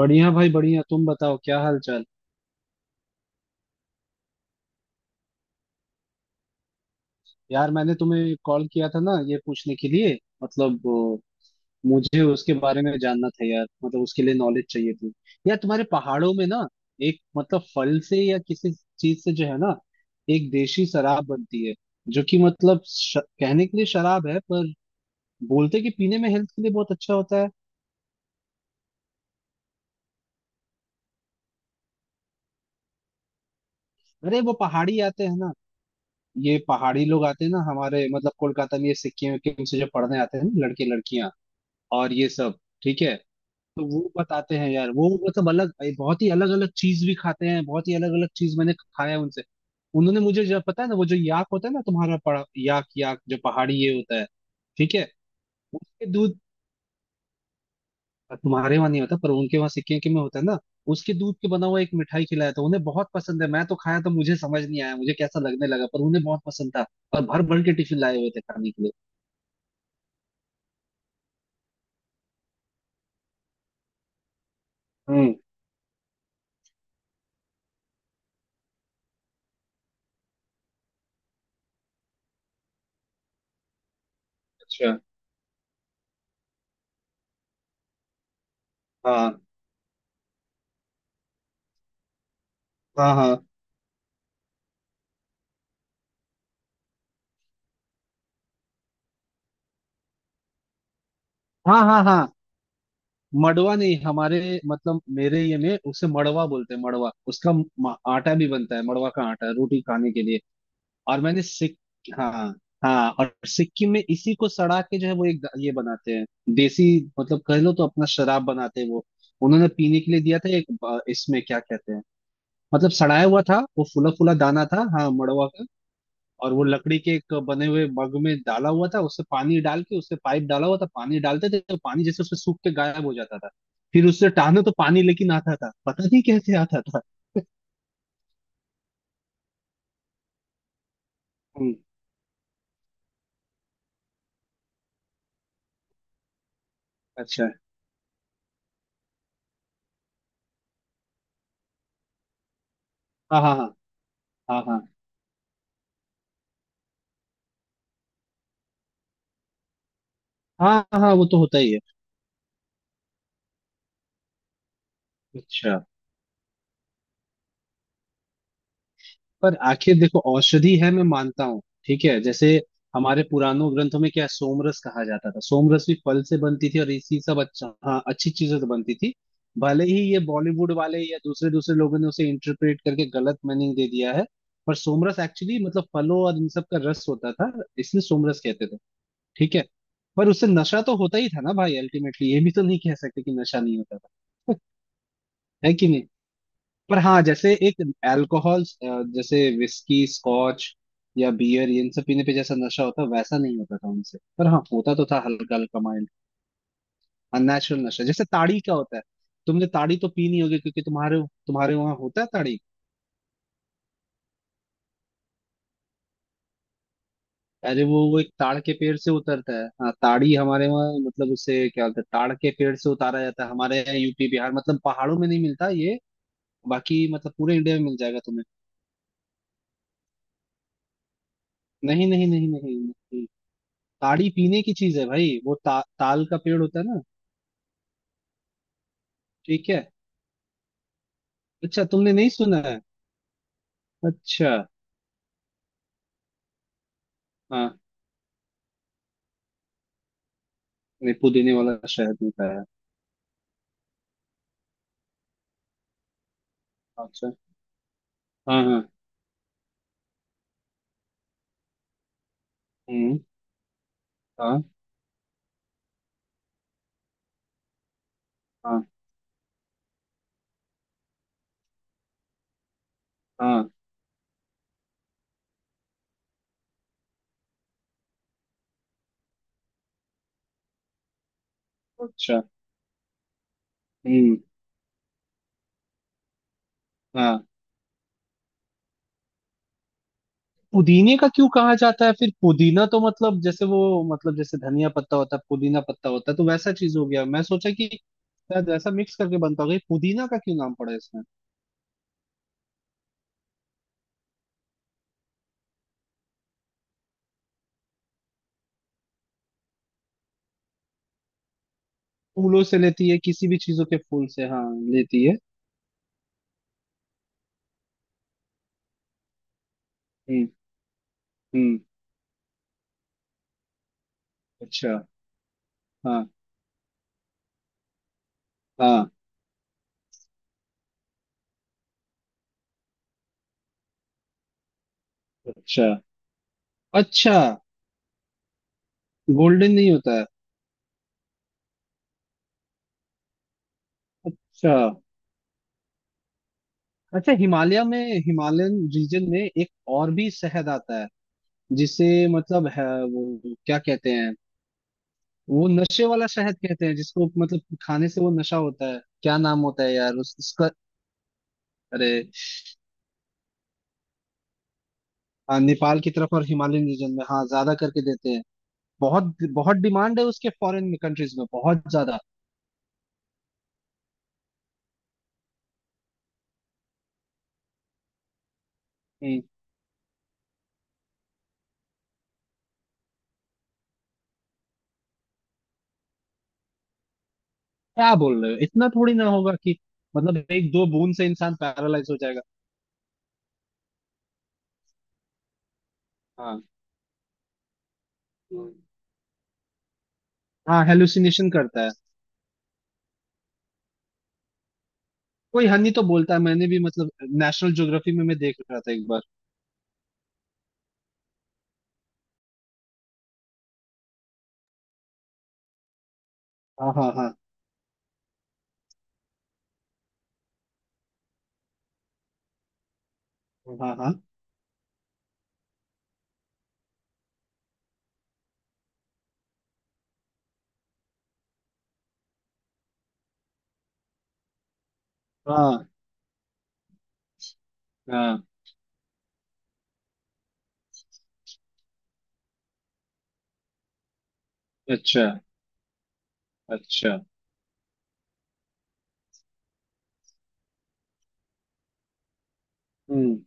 बढ़िया भाई बढ़िया। तुम बताओ क्या हाल चाल। यार मैंने तुम्हें कॉल किया था ना ये पूछने के लिए मतलब मुझे उसके बारे में जानना था यार, मतलब उसके लिए नॉलेज चाहिए थी। यार तुम्हारे पहाड़ों में ना एक मतलब फल से या किसी चीज से जो है ना एक देशी शराब बनती है, जो कि मतलब कहने के लिए शराब है पर बोलते कि पीने में हेल्थ के लिए बहुत अच्छा होता है। अरे वो पहाड़ी आते हैं ना, ये पहाड़ी लोग आते हैं ना हमारे मतलब कोलकाता में, ये सिक्किम विक्किम से जो पढ़ने आते हैं ना लड़के लड़कियां, और ये सब ठीक है। तो वो बताते हैं यार, वो मतलब अलग, बहुत ही अलग अलग चीज भी खाते हैं, बहुत ही अलग अलग चीज मैंने खाया है उनसे। उन्होंने मुझे जब पता है ना वो जो याक होता है ना तुम्हारा पड़ा, याक याक जो पहाड़ी ये होता है। ठीक है। उसके दूध, तुम्हारे वहां नहीं होता पर उनके वहां सिक्किम के में होता है ना। उसके दूध के बना हुआ एक मिठाई खिलाया था उन्हें, बहुत पसंद है। मैं तो खाया तो मुझे समझ नहीं आया, मुझे कैसा लगने लगा पर उन्हें बहुत पसंद था। और भर भर के टिफिन लाए हुए थे खाने के लिए। हम्म। अच्छा। हाँ हाँ हाँ। हाँ हाँ हाँ। मड़वा नहीं हमारे मतलब मेरे ये में उसे मड़वा बोलते हैं। मड़वा उसका आटा भी बनता है, मड़वा का आटा रोटी खाने के लिए। और मैंने सिक हाँ हाँ। और सिक्किम में इसी को सड़ा के जो है वो एक ये बनाते हैं, देसी, मतलब कह लो तो अपना शराब बनाते हैं वो। उन्होंने पीने के लिए दिया था एक इसमें क्या कहते हैं, मतलब सड़ाया हुआ था वो, फूला फूला दाना था हाँ मड़वा। और वो लकड़ी के एक बने हुए मग में डाला हुआ था, उससे पानी डाल के उससे पाइप डाला हुआ था, पानी डालते थे तो पानी जैसे उससे सूख के गायब हो जाता था। फिर उससे टहने तो पानी लेकिन आता था, पता नहीं कैसे आता था। हम्म। अच्छा। हाँ हाँ हाँ। हाँ हाँ। हाँ हाँ वो तो होता ही है। अच्छा। पर आखिर देखो औषधि है मैं मानता हूँ, ठीक है, जैसे हमारे पुरानों ग्रंथों में क्या है, सोमरस कहा जाता था। सोमरस भी फल से बनती थी और इसी सब, अच्छा हाँ, अच्छी चीजों से बनती थी। भले ही ये बॉलीवुड वाले या दूसरे दूसरे लोगों ने उसे इंटरप्रेट करके गलत मीनिंग दे दिया है पर सोमरस एक्चुअली मतलब फलों और इन सब का रस होता था, इसलिए सोमरस कहते थे। ठीक है। पर उससे नशा तो होता ही था ना भाई, अल्टीमेटली ये भी तो नहीं कह सकते कि नशा नहीं होता था, है कि नहीं। पर हाँ जैसे एक अल्कोहल, जैसे विस्की स्कॉच या बियर, ये इन सब पीने पे जैसा नशा होता है वैसा नहीं होता था उनसे, पर हाँ होता तो था हल्का हल्का माइंड। अननेचुरल नशा जैसे ताड़ी क्या होता है, तुमने ताड़ी तो पी नहीं होगी क्योंकि तुम्हारे तुम्हारे वहां होता है ताड़ी। अरे वो एक ताड़ के पेड़ से उतरता है, हाँ ताड़ी हमारे वहाँ मतलब उसे क्या बोलते हैं, ताड़ के पेड़ से उतारा जाता है हमारे यहाँ यूपी बिहार, मतलब पहाड़ों में नहीं मिलता ये। बाकी मतलब पूरे इंडिया में मिल जाएगा तुम्हें। नहीं नहीं नहीं नहीं, नहीं। ताड़ी पीने की चीज है भाई, वो ताल का पेड़ होता है ना। ठीक है। अच्छा तुमने नहीं सुना है? अच्छा हाँ। नहीं पुदीने वाला शहद नहीं खाया। अच्छा। हाँ हाँ। हम्म। हाँ हाँ हाँ। अच्छा। हम्म। हाँ। पुदीने का क्यों कहा जाता है फिर? पुदीना तो मतलब जैसे वो, मतलब जैसे धनिया पत्ता होता है पुदीना पत्ता होता है, तो वैसा चीज हो गया, मैं सोचा कि शायद वैसा मिक्स करके बनता होगा। ये पुदीना का क्यों नाम पड़ा है इसमें? फूलों से लेती है किसी भी चीजों के फूल से हाँ, लेती है। हम्म। हम्म। अच्छा। हाँ हाँ। अच्छा अच्छा। गोल्डन नहीं होता है। अच्छा। अच्छा हिमालय में हिमालयन रीजन में एक और भी शहद आता है, जिसे मतलब है, वो क्या कहते हैं, वो नशे वाला शहद कहते हैं जिसको मतलब खाने से वो नशा होता है। क्या नाम होता है यार उसका? अरे हाँ, नेपाल की तरफ और हिमालयन रीजन में हाँ ज्यादा करके देते हैं। बहुत बहुत डिमांड है उसके फॉरेन में कंट्रीज में बहुत ज्यादा। हम्म। क्या बोल रहे हो, इतना थोड़ी ना होगा कि मतलब एक दो बूंद से इंसान पैरालाइज हो जाएगा। हाँ हाँ हेलुसिनेशन करता है। कोई हनी तो बोलता है मैंने भी, मतलब नेशनल ज्योग्राफी में मैं देख रहा था एक बार। हाँ हाँ हाँ। हाँ हाँ हाँ। हाँ। अच्छा अच्छा। हम्म।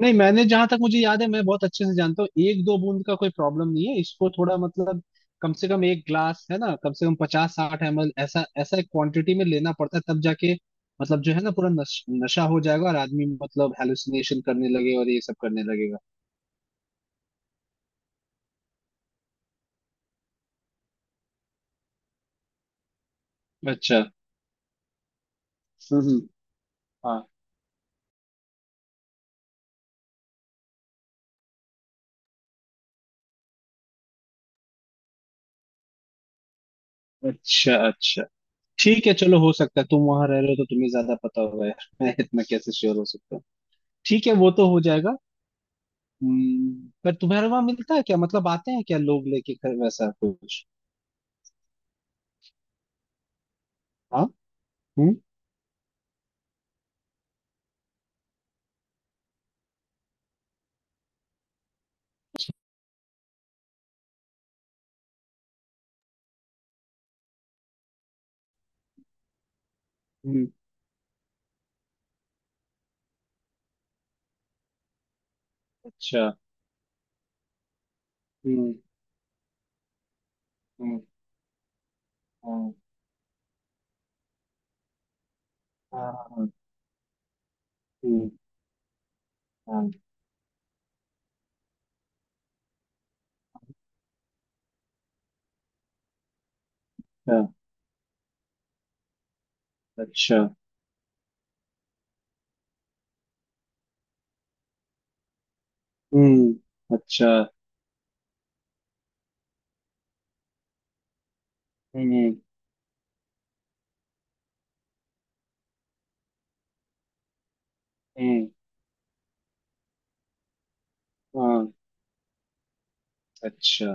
नहीं मैंने जहां तक मुझे याद है मैं बहुत अच्छे से जानता हूँ, एक दो बूंद का कोई प्रॉब्लम नहीं है, इसको थोड़ा मतलब कम से कम एक ग्लास है ना, कम से कम 50 60 ML ऐसा ऐसा एक क्वांटिटी में लेना पड़ता है तब जाके मतलब जो है ना पूरा नशा हो जाएगा और आदमी मतलब हेलुसिनेशन करने लगेगा और ये सब करने लगेगा। अच्छा। हम्म हम्म, हाँ। अच्छा अच्छा। ठीक है चलो, हो सकता है तुम वहां रह रहे हो तो तुम्हें ज्यादा पता होगा यार, मैं इतना कैसे श्योर हो सकता हूँ। ठीक है वो तो हो जाएगा। पर तुम्हारे वहां मिलता है क्या, मतलब आते हैं क्या लोग लेके घर वैसा कुछ? हाँ। हम्म। हम्म, अच्छा। हम्म। हम्म हम्म, हाँ हाँ, हाँ, हम्म, हाँ, अच्छा अच्छा। हम्म। अच्छा। हम्म। हम्म। हाँ। अच्छा।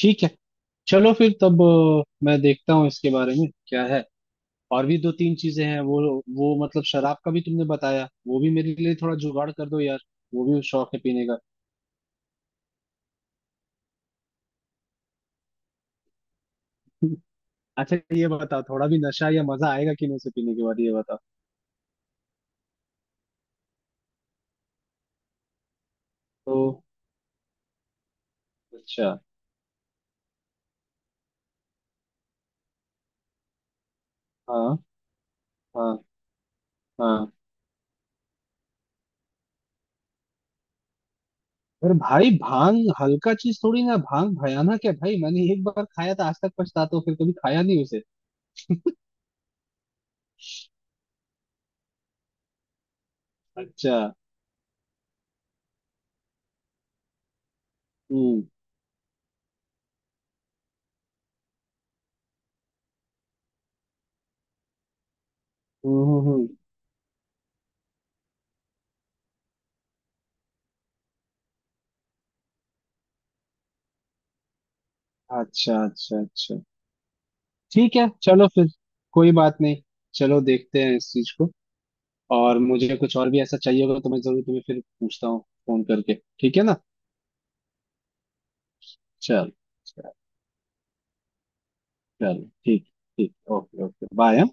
ठीक है चलो फिर, तब मैं देखता हूँ इसके बारे में क्या है। और भी दो तीन चीजें हैं, वो मतलब शराब का भी तुमने बताया वो भी मेरे लिए थोड़ा जुगाड़ कर दो यार। वो भी शौक है पीने का। अच्छा ये बताओ थोड़ा भी नशा या मजा आएगा कि नहीं उसे पीने के बाद, ये बताओ। तो, अच्छा। हाँ हाँ हाँ। अरे भाई भांग हल्का चीज थोड़ी ना, भांग भयानक है भाई, मैंने एक बार खाया था आज तक पछताता हूँ, फिर कभी खाया नहीं उसे। अच्छा। हम्म हम्म हम्म, हम्म। अच्छा अच्छा अच्छा। ठीक है चलो फिर, कोई बात नहीं। चलो देखते हैं इस चीज को। और मुझे कुछ और भी ऐसा चाहिए होगा तो मैं जरूर तुम्हें फिर पूछता हूँ, फोन करके। ठीक है ना। चल। चल। चल, ठीक। ठीक ओके ओके बाय।